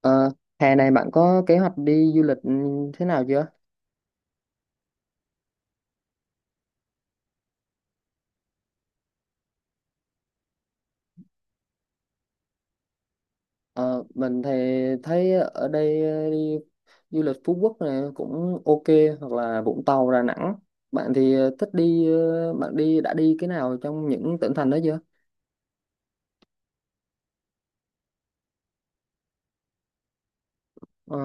Ờ, Hè này bạn có kế hoạch đi du lịch thế nào chưa? Ờ, mình thì thấy ở đây đi du lịch Phú Quốc này cũng ok hoặc là Vũng Tàu, Đà Nẵng. Bạn thì thích đi bạn đã đi cái nào trong những tỉnh thành đó chưa? Ờ,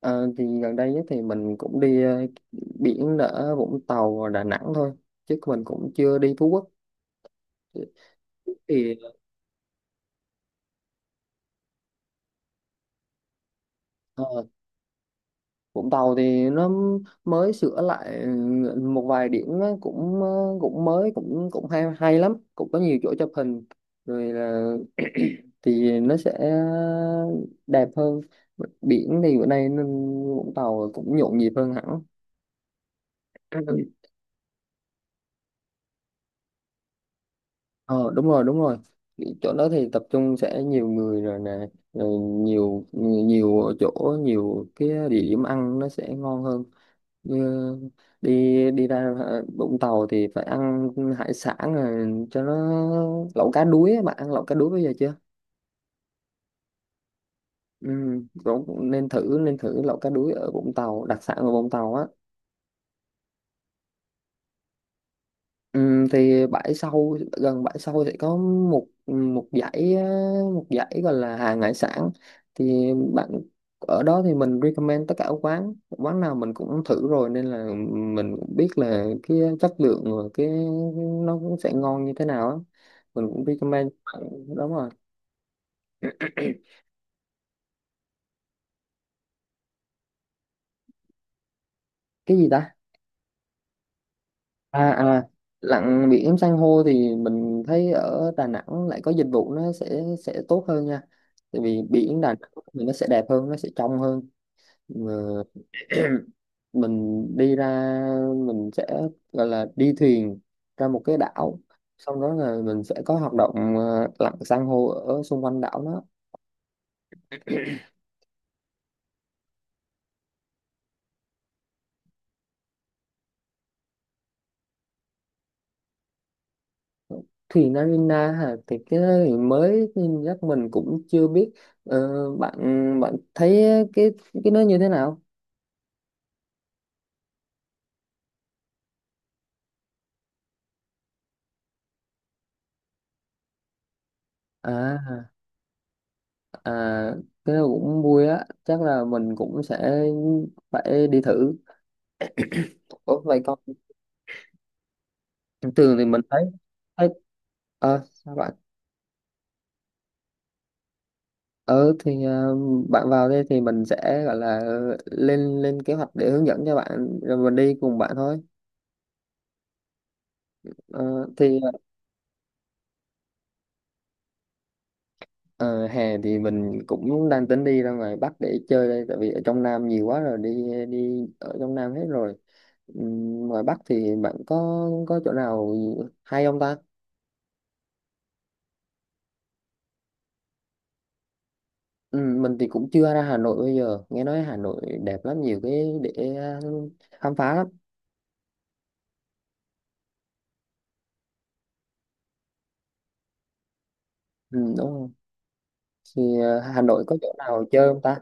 ờ, thì gần đây nhất thì mình cũng đi biển ở Vũng Tàu và Đà Nẵng thôi chứ mình cũng chưa đi Phú Quốc. Thì ờ, Vũng Tàu thì nó mới sửa lại một vài điểm á, cũng cũng mới, cũng cũng hay hay lắm, cũng có nhiều chỗ chụp hình rồi là thì nó sẽ đẹp hơn. Biển thì bữa nay nên Vũng Tàu cũng nhộn nhịp hơn hẳn. Ờ, đúng rồi, đúng rồi, chỗ đó thì tập trung sẽ nhiều người rồi nè, rồi nhiều nhiều chỗ, nhiều cái địa điểm ăn nó sẽ ngon hơn. Như đi đi ra Vũng Tàu thì phải ăn hải sản, rồi cho nó lẩu cá đuối á. Bạn ăn lẩu cá đuối bây giờ chưa? Ừ, cũng cũng nên thử, nên thử lẩu cá đuối ở Vũng Tàu, đặc sản ở Vũng Tàu á. Thì bãi sau, gần bãi sau sẽ có một một dãy á, một dãy gọi là hàng hải sản, thì bạn ở đó thì mình recommend tất cả các quán, quán nào mình cũng thử rồi nên là mình cũng biết là cái chất lượng và cái nó cũng sẽ ngon như thế nào á, mình cũng recommend. Đúng rồi. Cái gì ta? À, à, lặn biển san hô thì mình thấy ở Đà Nẵng lại có dịch vụ nó sẽ tốt hơn nha, tại vì biển Đà Nẵng thì nó sẽ đẹp hơn, nó sẽ trong hơn. Mà mình đi ra, mình sẽ gọi là đi thuyền ra một cái đảo, xong đó là mình sẽ có hoạt động lặn san hô ở xung quanh đảo đó. Thuyền Narina hả? Thì cái đó thì mới nên chắc mình cũng chưa biết. Ờ, bạn bạn thấy cái cái nó như thế nào? À, à. À, cái đó cũng vui á, chắc là mình cũng sẽ phải đi thử. Ủa, vậy con thường thì mình thấy, thấy sao bạn ờ thì bạn vào đây thì mình sẽ gọi là lên lên kế hoạch để hướng dẫn cho bạn, rồi mình đi cùng bạn thôi. Ờ, thì ờ, Hè thì mình cũng đang tính đi ra ngoài Bắc để chơi đây, tại vì ở trong Nam nhiều quá rồi, đi đi ở trong Nam hết rồi. Ngoài Bắc thì bạn có chỗ nào hay không ta? Ừ, mình thì cũng chưa ra Hà Nội, bây giờ nghe nói Hà Nội đẹp lắm, nhiều cái để khám phá lắm. Ừ, đúng không, thì Hà Nội có chỗ nào chơi không ta?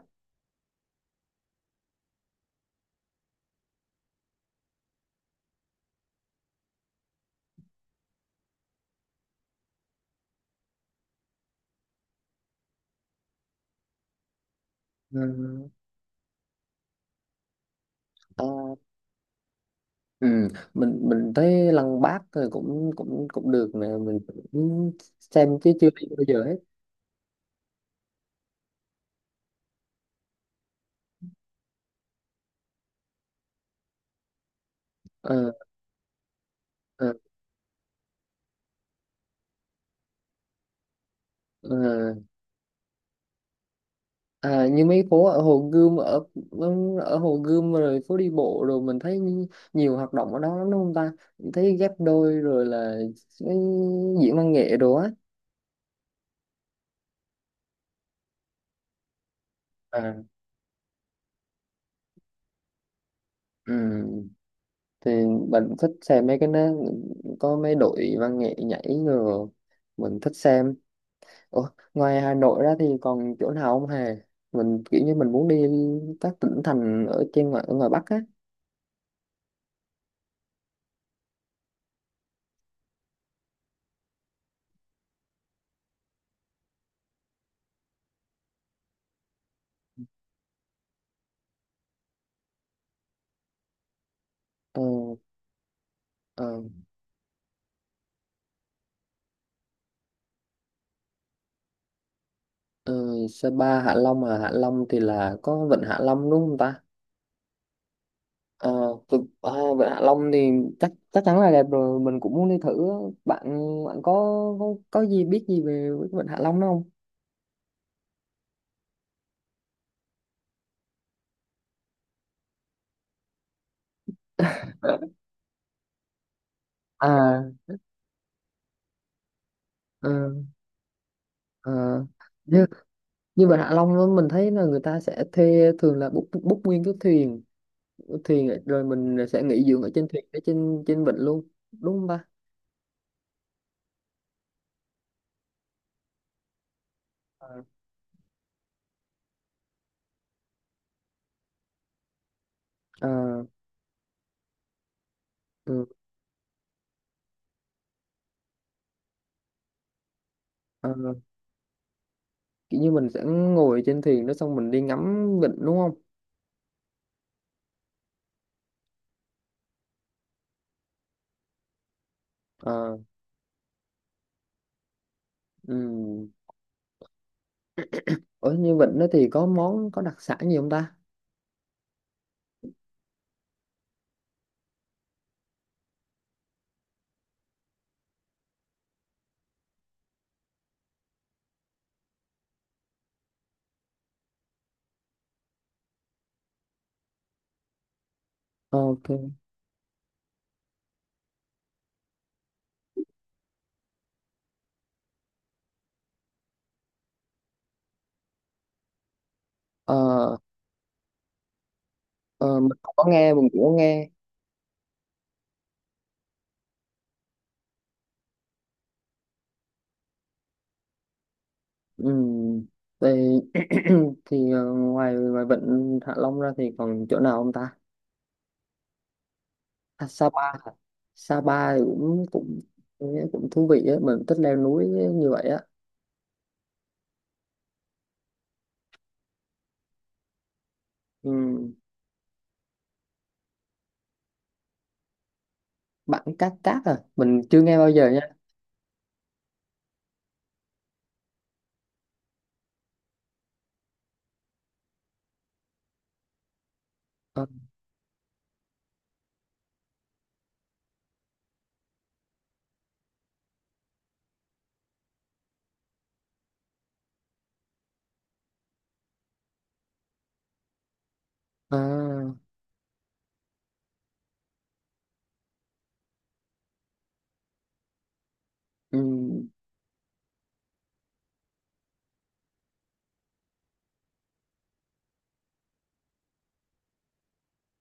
Ừ, à, ừ, mình thấy Lăng Bác rồi cũng cũng cũng được nè, mình cũng xem chứ chưa đi bao giờ hết. Ờ, ờ, ờ. À, như mấy phố ở Hồ Gươm, ở ở Hồ Gươm rồi phố đi bộ, rồi mình thấy nhiều hoạt động ở đó lắm đúng không ta, thấy ghép đôi rồi là cái diễn văn nghệ đồ á. À, ừm, thì mình thích xem mấy cái nó có mấy đội văn nghệ nhảy rồi, mình thích xem. Ủa, ngoài Hà Nội ra thì còn chỗ nào không hề? Mình kiểu như mình muốn đi các tỉnh thành ở trên, ngoài ở ngoài Bắc á. ờ, ờ, ờ, Sapa, Hạ Long, à Hạ Long thì là có vịnh Hạ Long đúng không ta? Ờ, à, vịnh Hạ Long thì chắc chắc chắn là đẹp rồi, mình cũng muốn đi thử á. Bạn bạn có gì, biết gì về cái vịnh Hạ Long đó không? À, ờ. Ờ, như như Vịnh Hạ Long á, mình thấy là người ta sẽ thuê, thường là book book nguyên cái thuyền, thuyền rồi mình sẽ nghỉ dưỡng ở trên thuyền, ở trên trên vịnh luôn đúng không ba? Ờ, ờ, ừ, ờ, kiểu như mình sẽ ngồi trên thuyền đó, xong mình đi ngắm vịnh đúng không? Ờ, ừ. Ở như vịnh đó thì có món, có đặc sản gì không ta? Ờ, Ok. Ờ, ờ, mình không có nghe, mình cũng có nghe. Ừ. Thì thì ngoài, ngoài vịnh Hạ Long ra thì còn chỗ nào không ta? À, Sapa hả? Sapa thì cũng cũng cũng thú vị á, mình thích leo núi như vậy á. Ừ. Bản Cát Cát à, mình chưa nghe bao giờ nha. Ờ, à, ừ,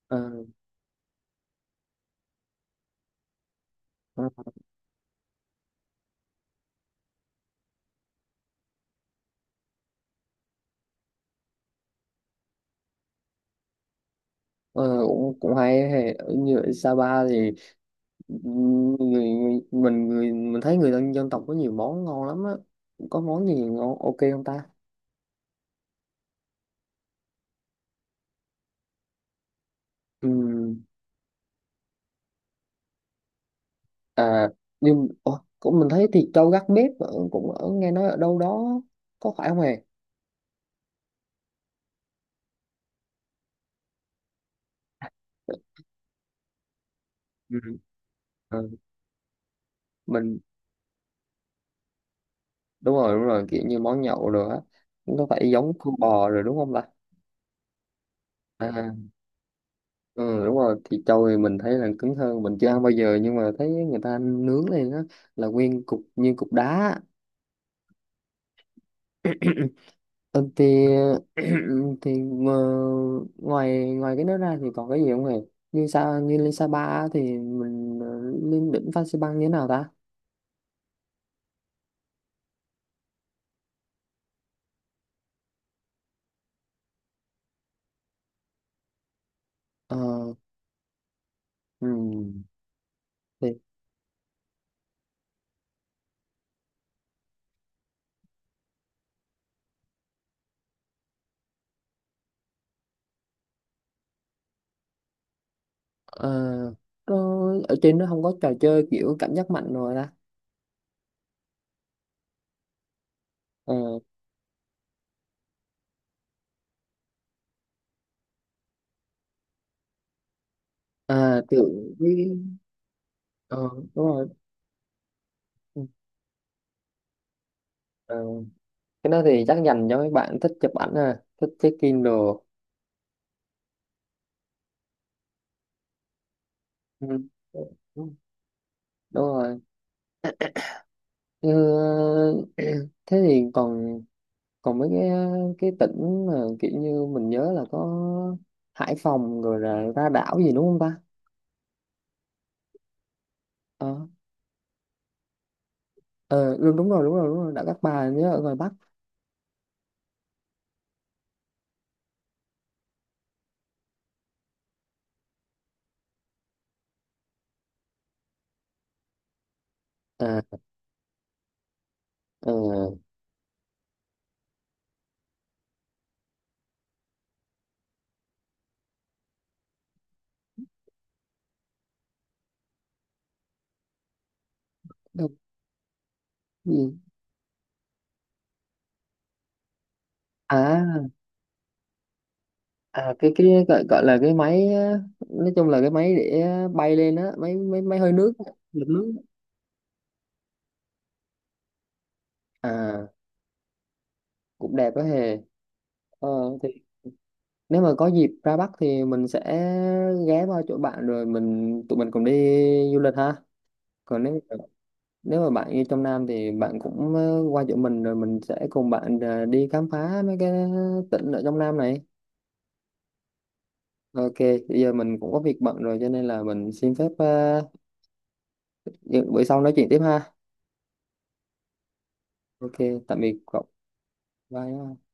ờ, ờ, ờ, cũng cũng hay hay. Như ở Sapa thì ừ, người, người mình, người mình thấy người dân, dân tộc có nhiều món ngon lắm á, có món gì ngon ok không ta? Ừ. À, nhưng ủa, cũng mình thấy thịt trâu gác bếp ở, cũng ở nghe nói ở đâu đó có phải không hề? Ừ. Ờ, mình đúng rồi, đúng rồi, kiểu như món nhậu rồi á, nó phải giống cua bò rồi đúng không ta? À, ừ, đúng rồi, thịt trâu thì mình thấy là cứng hơn, mình chưa ăn bao giờ nhưng mà thấy người ta nướng lên á, là nguyên cục như cục đá. Ừ, thì thì ờ, ngoài, ngoài cái đó ra thì còn cái gì không hề? Như sao, như lên Sapa á thì mình lên đỉnh Phan Xi Păng như thế nào ta? Ờ. Ừm, thì ờ, ở trên nó không có trò chơi kiểu cảm giác mạnh rồi ta? Ờ, à tự với ờ đúng rồi. Ừ. Ờ, cái đó thì chắc dành cho mấy bạn thích chụp ảnh, à thích check Kindle. Ừ. Đúng rồi. Như, thế thì còn, còn mấy cái tỉnh mà kiểu như mình nhớ là có Hải Phòng rồi là ra đảo gì đúng không ta? Ờ. Ờ, đúng, đúng rồi đảo Cát Bà, nhớ ở ngoài Bắc. À, ờ, đâu- gì? À à, cái gọi, gọi là cái máy á, nói chung là cái máy để bay lên á, máy máy máy hơi nước, lực nước. À, cũng đẹp đó hề. Ờ, thì nếu mà có dịp ra Bắc thì mình sẽ ghé qua chỗ bạn rồi mình, tụi mình cùng đi du lịch ha. Còn nếu, nếu mà bạn như trong Nam thì bạn cũng qua chỗ mình rồi mình sẽ cùng bạn đi khám phá mấy cái tỉnh ở trong Nam này. Ok, bây giờ mình cũng có việc bận rồi cho nên là mình xin phép, bữa sau nói chuyện tiếp ha. Ok, tạm biệt cậu. Bye.